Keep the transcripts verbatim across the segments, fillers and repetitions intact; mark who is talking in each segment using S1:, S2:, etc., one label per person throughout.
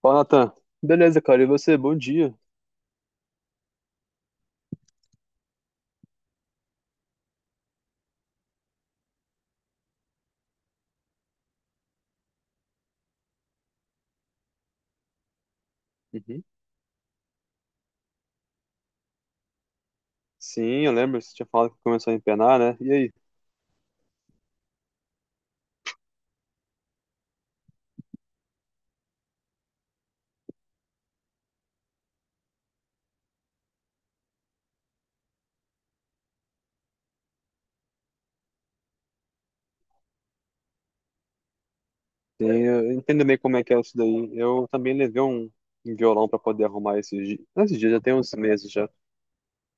S1: Fala, Natan. Beleza, cara. E você? Bom dia. Uhum. Sim, eu lembro. Você tinha falado que começou a empenar, né? E aí? Sim, eu entendo bem como é que é isso daí. Eu também levei um, um violão pra poder arrumar esses dias. Esses dias já tem uns meses já.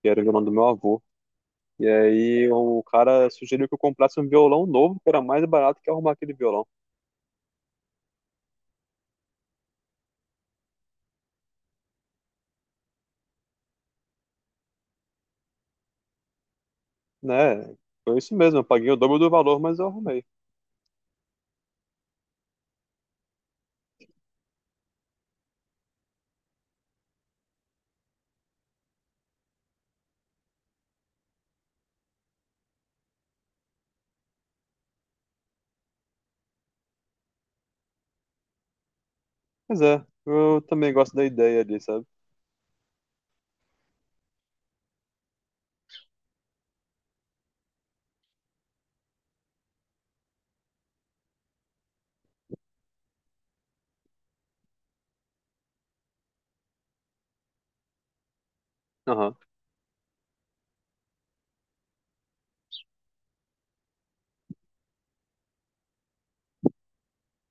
S1: Que era o violão do meu avô. E aí o cara sugeriu que eu comprasse um violão novo, que era mais barato que arrumar aquele violão. Né? Foi isso mesmo. Eu paguei o dobro do valor, mas eu arrumei. Pois é. Eu também gosto da ideia ali, sabe?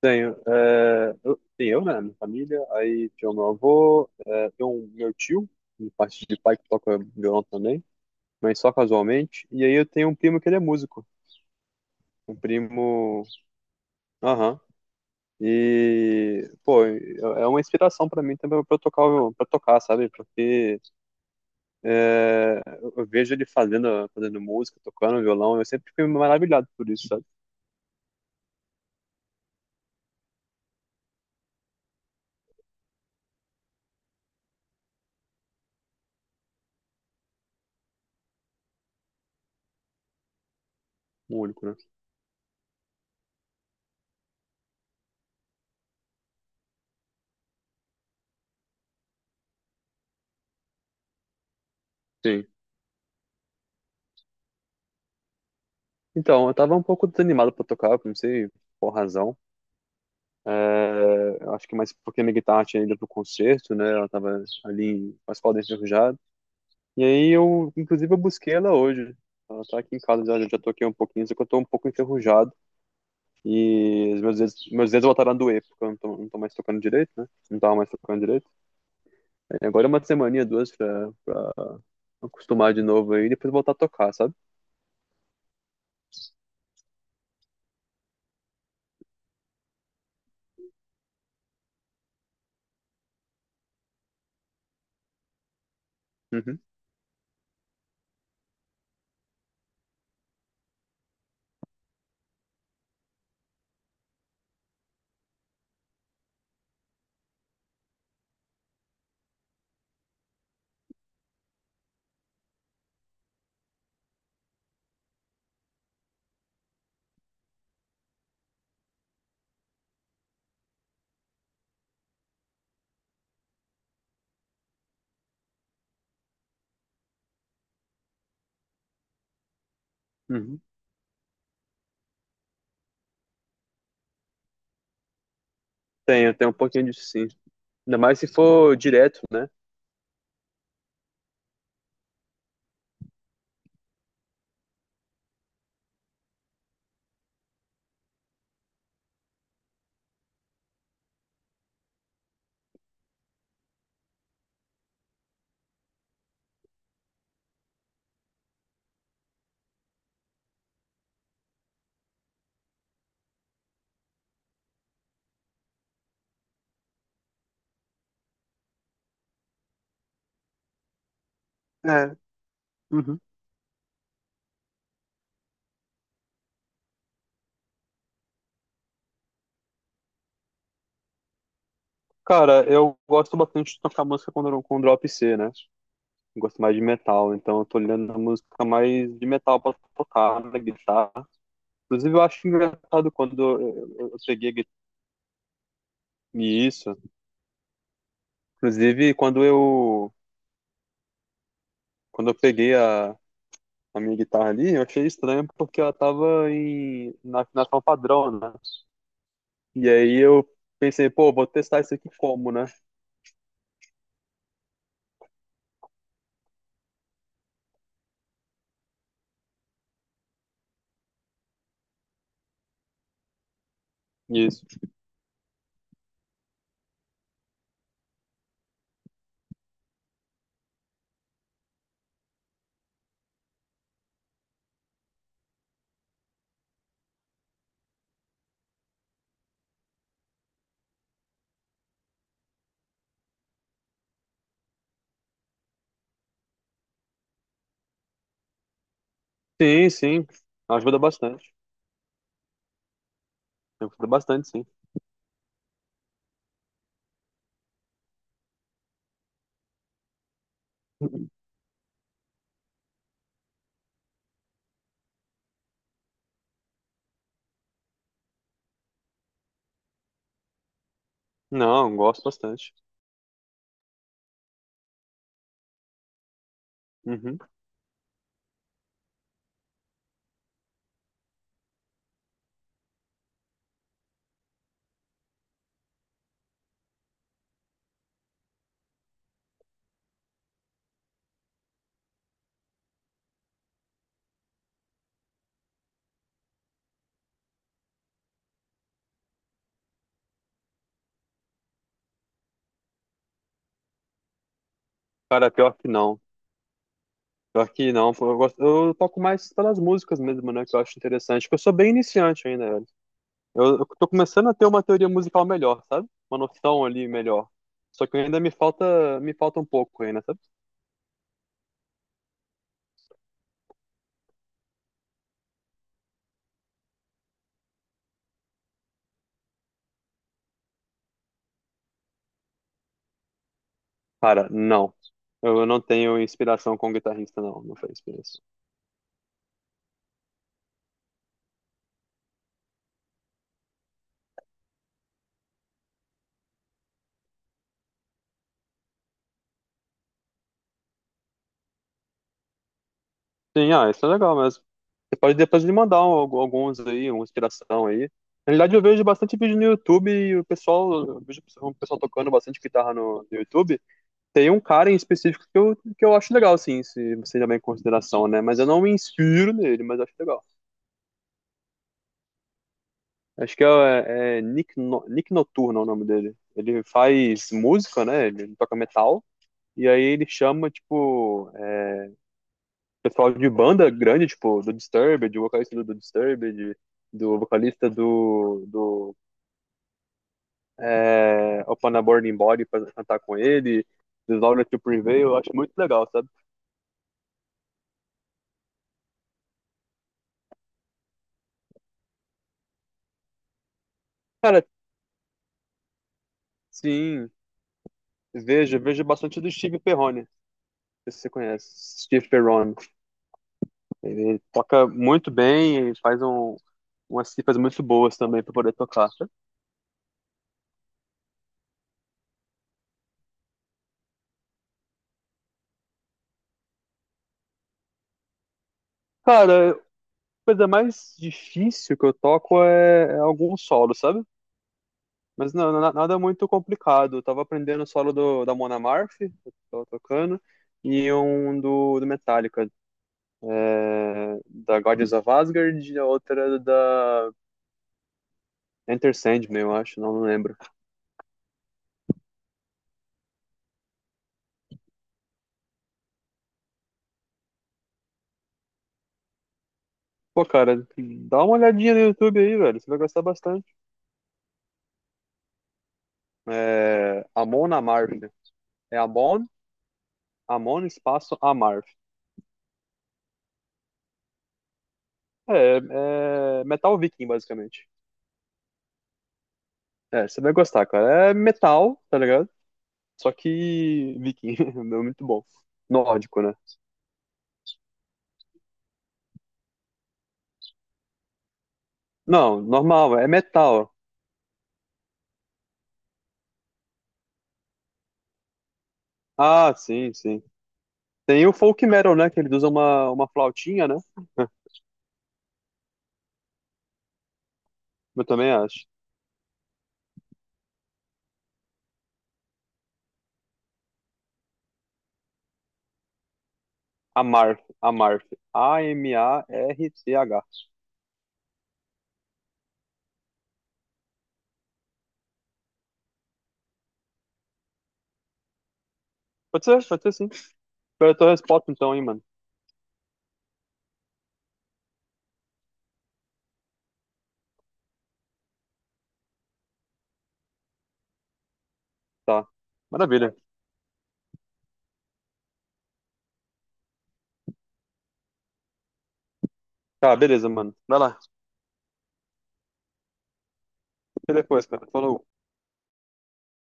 S1: Tenho. É, eu, tem eu, né? Minha família. Aí tem o meu avô, é, tem um meu tio, de parte de pai, que toca violão também, mas só casualmente. E aí eu tenho um primo que ele é músico. Um primo. Aham. E, pô, é é uma inspiração pra mim também pra eu tocar, o- pra tocar, sabe? Porque é, eu eu vejo ele fazendo, fazendo música, tocando violão, eu sempre fico maravilhado por isso, sabe? O único, né? Sim. Então, eu tava um pouco desanimado pra tocar, não sei por razão. É, acho que mais porque minha guitarra tinha ido pro concerto, né? Ela tava ali com as cordas enferrujadas. E aí eu, inclusive, eu busquei ela hoje. Ela tá aqui em casa, já, já toquei um pouquinho, só que eu tô um pouco enferrujado. E os meus dedos, meus dedos voltaram a doer, porque eu não tô, não tô mais tocando direito, né? Não tava mais tocando direito. Aí agora é uma semaninha, duas, pra, pra acostumar de novo aí e depois voltar a tocar, sabe? Uhum, uhum. Tenho, tenho um pouquinho disso sim. Ainda mais se for direto, né? É. Uhum. Cara, eu gosto bastante de tocar música com, com drop C, né? Gosto mais de metal, então eu tô olhando a música mais de metal pra tocar na guitarra. Inclusive, eu acho engraçado quando eu, eu- eu peguei a gui- e isso. Inclusive, quando eu, quando eu peguei a, a minha guitarra ali, eu achei estranho porque ela tava em, na afinação padrão, né? E aí eu pensei, pô, vou testar isso aqui como, né? E sim, sim. Ajuda bastante. Ajuda bastante, sim. Não, gosto bastante. Uhum. Cara, pior que não. Pior que não. Pô, eu gosto, eu toco mais pelas músicas mesmo, né? Que eu acho interessante. Porque eu sou bem iniciante ainda, velho. Eu, eu tô começando a ter uma teoria musical melhor, sabe? Uma noção ali melhor. Só que ainda me falta, me falta um pouco ainda, sabe? Cara, não. Eu não tenho inspiração com guitarrista, não. Não foi inspiração. Sim, ah, isso é legal mesmo. Você pode depois me mandar um- algu- alguns aí, uma inspiração aí. Na realidade, eu vejo bastante vídeo no YouTube e o pessoal, eu vejo o pessoal tocando bastante guitarra no, no YouTube. Tem um cara em específico que eu, que eu acho legal, assim se você levar em consideração, né? Mas eu não me inspiro nele, mas acho legal. Acho que é, é Nick, no, Nick Noturno é o nome dele. Ele faz música, né? Ele toca metal. E aí ele chama, tipo, é, pessoal de banda grande, tipo, do Disturbed, o vocalista do, do Disturbed, do vocalista do, do é, Upon a Burning Body pra cantar com ele, do Laura to Prevail, eu acho muito legal, sabe? Cara, sim, vejo, vejo bastante do Steve Perrone, não sei se você conhece, Steve Perrone. Ele toca muito bem, faz um, umas cifras muito boas também pra poder tocar. Cara, a coisa mais difícil que eu toco é, é algum solo, sabe? Mas não, na- nada muito complicado. Eu tava aprendendo o solo do, da Mon Amarth, que eu tava tocando, e um do, do Metallica, é, da Guardians of Asgard, e a outra da Enter Sandman, eu acho, não, não lembro. Pô, cara, dá uma olhadinha no YouTube aí, velho, você vai gostar bastante. É, Amon Amarth. É Amon, Amon espaço Amarth. É, é metal viking, basicamente. É, você vai gostar, cara. É metal, tá ligado? Só que viking, é muito bom. Nórdico, né? Não, normal, é metal. Ah, sim, sim. Tem o folk metal, né? Que eles usam uma, uma flautinha, né? Eu também acho. Amarth, Amarth. A M A R C H. Pode ser, pode ser sim. Espero a tua resposta então, hein, mano. Tá. Maravilha. Tá, beleza, mano. Vai lá. Escuta depois, cara. Falou.